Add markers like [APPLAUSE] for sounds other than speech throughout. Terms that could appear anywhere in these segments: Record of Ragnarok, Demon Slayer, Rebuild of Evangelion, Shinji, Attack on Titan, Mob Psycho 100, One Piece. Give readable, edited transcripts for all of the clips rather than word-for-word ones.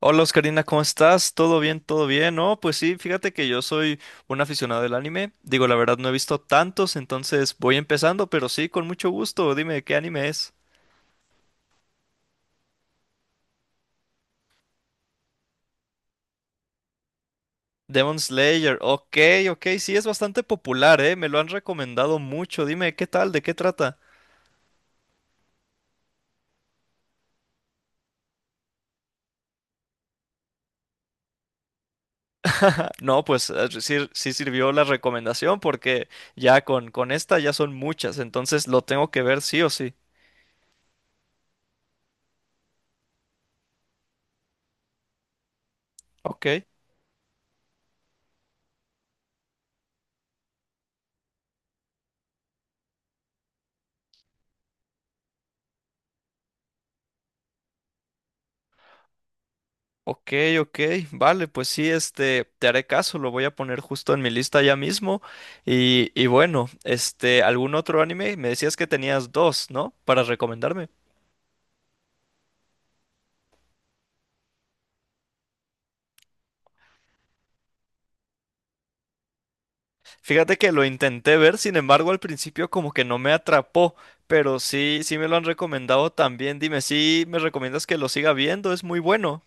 Hola Oscarina, ¿cómo estás? ¿Todo bien? ¿Todo bien? No, pues sí, fíjate que yo soy un aficionado del anime. Digo, la verdad no he visto tantos, entonces voy empezando, pero sí, con mucho gusto. Dime, ¿qué anime es? Demon Slayer. Ok, ok, sí, es bastante popular, ¿eh? Me lo han recomendado mucho. Dime, ¿qué tal? ¿De qué trata? [LAUGHS] No, pues ah, sí, sí sirvió la recomendación porque ya con esta ya son muchas, entonces lo tengo que ver sí o sí. Ok. Ok, ok, vale, pues sí, este, te haré caso, lo voy a poner justo en mi lista ya mismo. Y bueno, este, ¿algún otro anime? Me decías que tenías dos, ¿no? Para recomendarme. Fíjate que lo intenté ver, sin embargo, al principio como que no me atrapó, pero sí, sí me lo han recomendado también. Dime, ¿sí me recomiendas que lo siga viendo? Es muy bueno.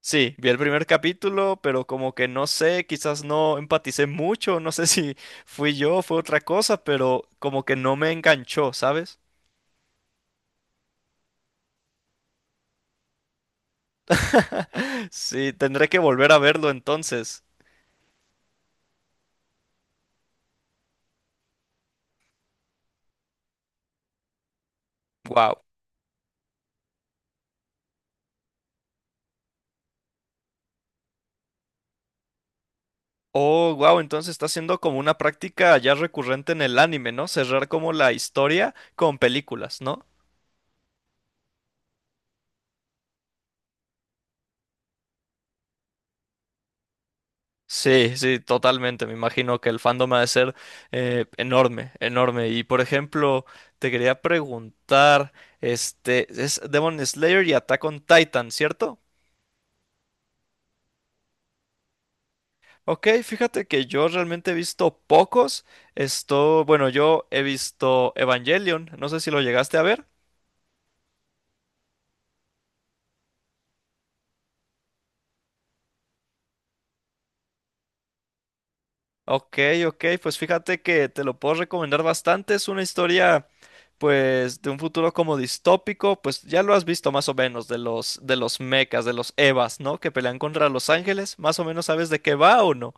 Sí, vi el primer capítulo, pero como que no sé, quizás no empaticé mucho, no sé [LAUGHS] si fui yo, o fue otra cosa, pero como que no me enganchó, ¿sabes? [LAUGHS] Sí, tendré que volver a verlo entonces. Wow. Oh, wow, entonces está siendo como una práctica ya recurrente en el anime, ¿no? Cerrar como la historia con películas, ¿no? Sí, sí, totalmente. Me imagino que el fandom ha de ser enorme, enorme. Y por ejemplo, te quería preguntar, este, es Demon Slayer y Attack on Titan, ¿cierto? Ok, fíjate que yo realmente he visto pocos. Esto, bueno, yo he visto Evangelion, no sé si lo llegaste a ver. Ok, ok, pues fíjate que te lo puedo recomendar bastante. Es una historia, pues, de un futuro como distópico. Pues ya lo has visto más o menos, de los mechas, de los Evas, ¿no? Que pelean contra los ángeles. ¿Más o menos sabes de qué va o no?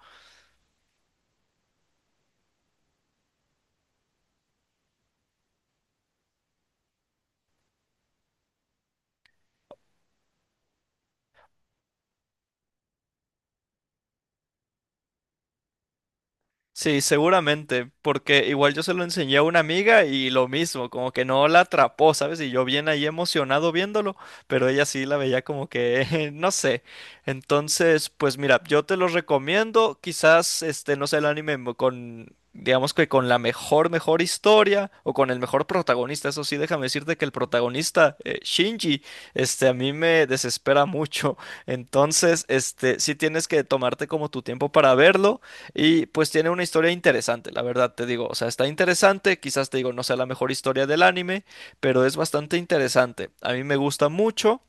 Sí, seguramente, porque igual yo se lo enseñé a una amiga y lo mismo, como que no la atrapó, ¿sabes? Y yo bien ahí emocionado viéndolo, pero ella sí la veía como que, [LAUGHS] no sé. Entonces, pues mira, yo te lo recomiendo, quizás, este, no sé, el anime con, digamos que con la mejor, mejor historia o con el mejor protagonista, eso sí, déjame decirte que el protagonista, Shinji, este, a mí me desespera mucho. Entonces, este, sí tienes que tomarte como tu tiempo para verlo. Y pues tiene una historia interesante, la verdad te digo. O sea, está interesante, quizás te digo, no sea la mejor historia del anime, pero es bastante interesante. A mí me gusta mucho.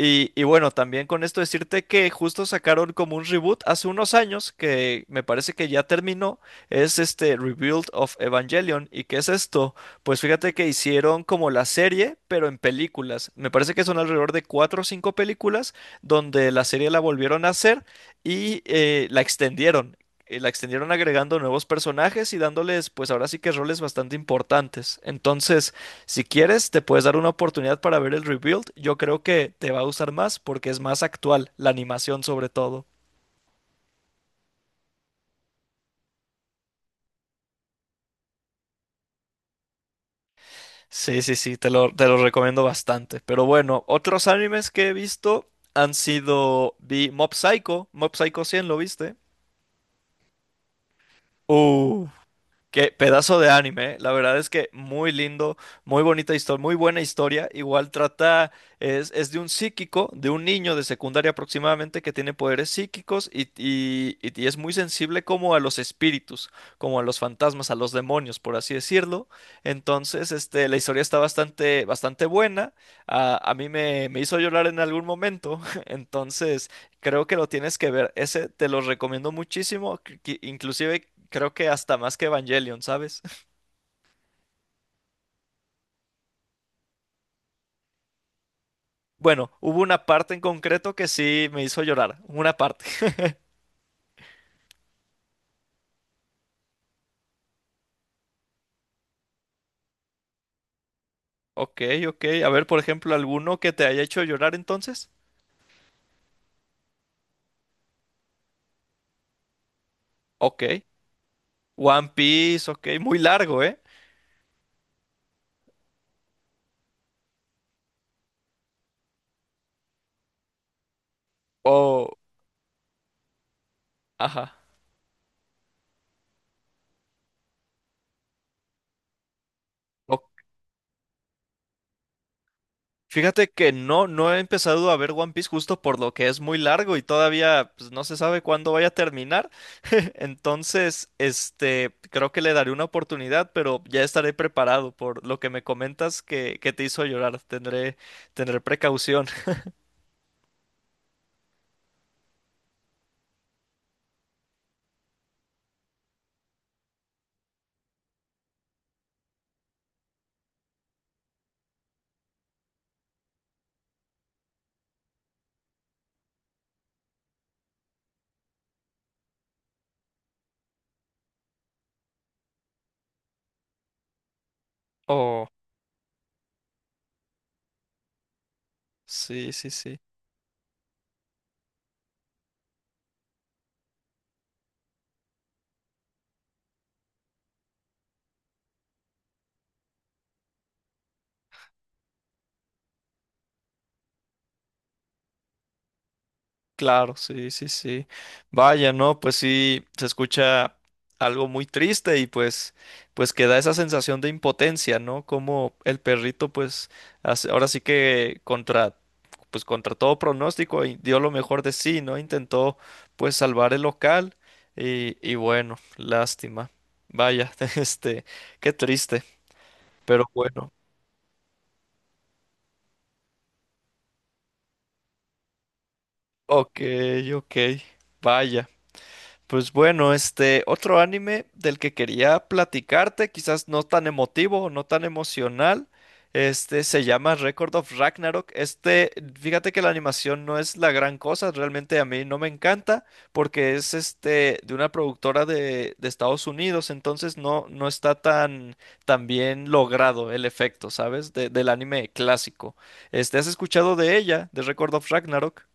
Y bueno, también con esto decirte que justo sacaron como un reboot hace unos años que me parece que ya terminó, es este Rebuild of Evangelion. ¿Y qué es esto? Pues fíjate que hicieron como la serie, pero en películas. Me parece que son alrededor de cuatro o cinco películas donde la serie la volvieron a hacer y la extendieron. La extendieron agregando nuevos personajes y dándoles, pues ahora sí que roles bastante importantes. Entonces, si quieres, te puedes dar una oportunidad para ver el rebuild. Yo creo que te va a gustar más porque es más actual, la animación sobre todo. Sí, sí, sí, te lo recomiendo bastante. Pero bueno, otros animes que he visto han sido... Vi Mob Psycho, Mob Psycho 100, ¿lo viste? Uh. Qué pedazo de anime, ¿eh? La verdad es que muy lindo, muy bonita historia, muy buena historia. Igual trata, es de un psíquico, de un niño de secundaria aproximadamente que tiene poderes psíquicos y, y es muy sensible como a los espíritus, como a los fantasmas, a los demonios, por así decirlo. Entonces, este, la historia está bastante, bastante buena. A mí me hizo llorar en algún momento. [LAUGHS] Entonces, creo que lo tienes que ver. Ese te lo recomiendo muchísimo. Que Inclusive creo que hasta más que Evangelion, ¿sabes? [LAUGHS] Bueno, hubo una parte en concreto que sí me hizo llorar. Una parte. [LAUGHS] Ok, ok. A ver, por ejemplo, alguno que te haya hecho llorar entonces. Ok. One Piece, ok. Muy largo, ¿eh? O... Ajá. Fíjate que no, no he empezado a ver One Piece justo por lo que es muy largo y todavía pues, no se sabe cuándo vaya a terminar. [LAUGHS] Entonces, este, creo que le daré una oportunidad, pero ya estaré preparado por lo que me comentas que te hizo llorar. Tendré, tendré precaución. [LAUGHS] Oh, sí, sí, sí. Claro, sí, sí, sí. Vaya, no, pues sí, se escucha algo muy triste y pues, pues que da esa sensación de impotencia, ¿no? Como el perrito, pues, ahora sí que contra, pues contra todo pronóstico y dio lo mejor de sí, ¿no? Intentó, pues, salvar el local y bueno, lástima. Vaya, [LAUGHS] este, qué triste, pero bueno. Ok, ok, vaya. Pues bueno, este otro anime del que quería platicarte, quizás no tan emotivo, no tan emocional, este se llama Record of Ragnarok. Este, fíjate que la animación no es la gran cosa, realmente a mí no me encanta porque es este de una productora de Estados Unidos, entonces no, no está tan, tan bien logrado el efecto, ¿sabes? Del anime clásico. Este, ¿has escuchado de ella, de Record of Ragnarok?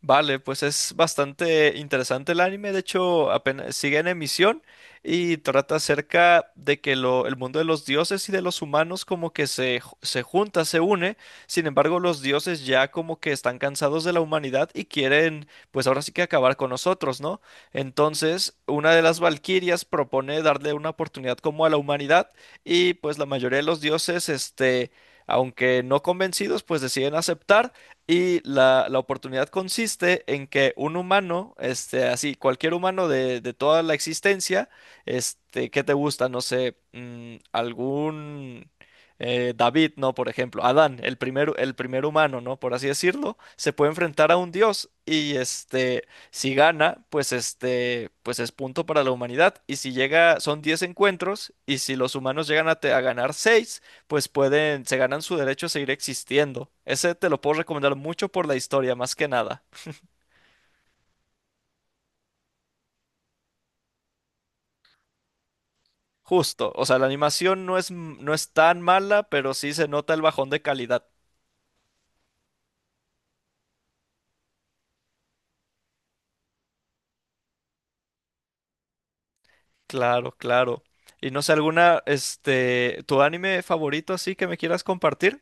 Vale, pues es bastante interesante el anime, de hecho apenas sigue en emisión y trata acerca de que el mundo de los dioses y de los humanos como que se, se junta, se une, sin embargo los dioses ya como que están cansados de la humanidad y quieren pues ahora sí que acabar con nosotros, ¿no? Entonces una de las valquirias propone darle una oportunidad como a la humanidad y pues la mayoría de los dioses, este, aunque no convencidos, pues deciden aceptar. Y la oportunidad consiste en que un humano, este, así, cualquier humano de toda la existencia, este, ¿qué te gusta? No sé, mm, algún David, ¿no? Por ejemplo, Adán, el primer humano, ¿no? Por así decirlo, se puede enfrentar a un dios y, este, si gana, pues, este, pues es punto para la humanidad. Y si llega, son 10 encuentros y si los humanos llegan a, a ganar 6 pues pueden, se ganan su derecho a seguir existiendo. Ese te lo puedo recomendar mucho por la historia, más que nada. Justo, o sea, la animación no es, no es tan mala, pero sí se nota el bajón de calidad. Claro, claro. Y no sé, alguna, este, ¿tu anime favorito así que me quieras compartir?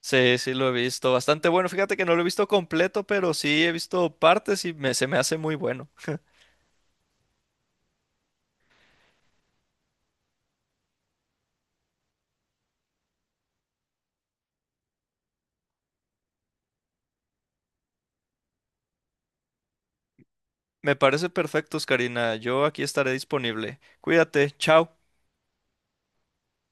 Sí, sí lo he visto, bastante bueno. Fíjate que no lo he visto completo, pero sí he visto partes y me, se me hace muy bueno. Me parece perfecto, Karina. Yo aquí estaré disponible. Cuídate, chao.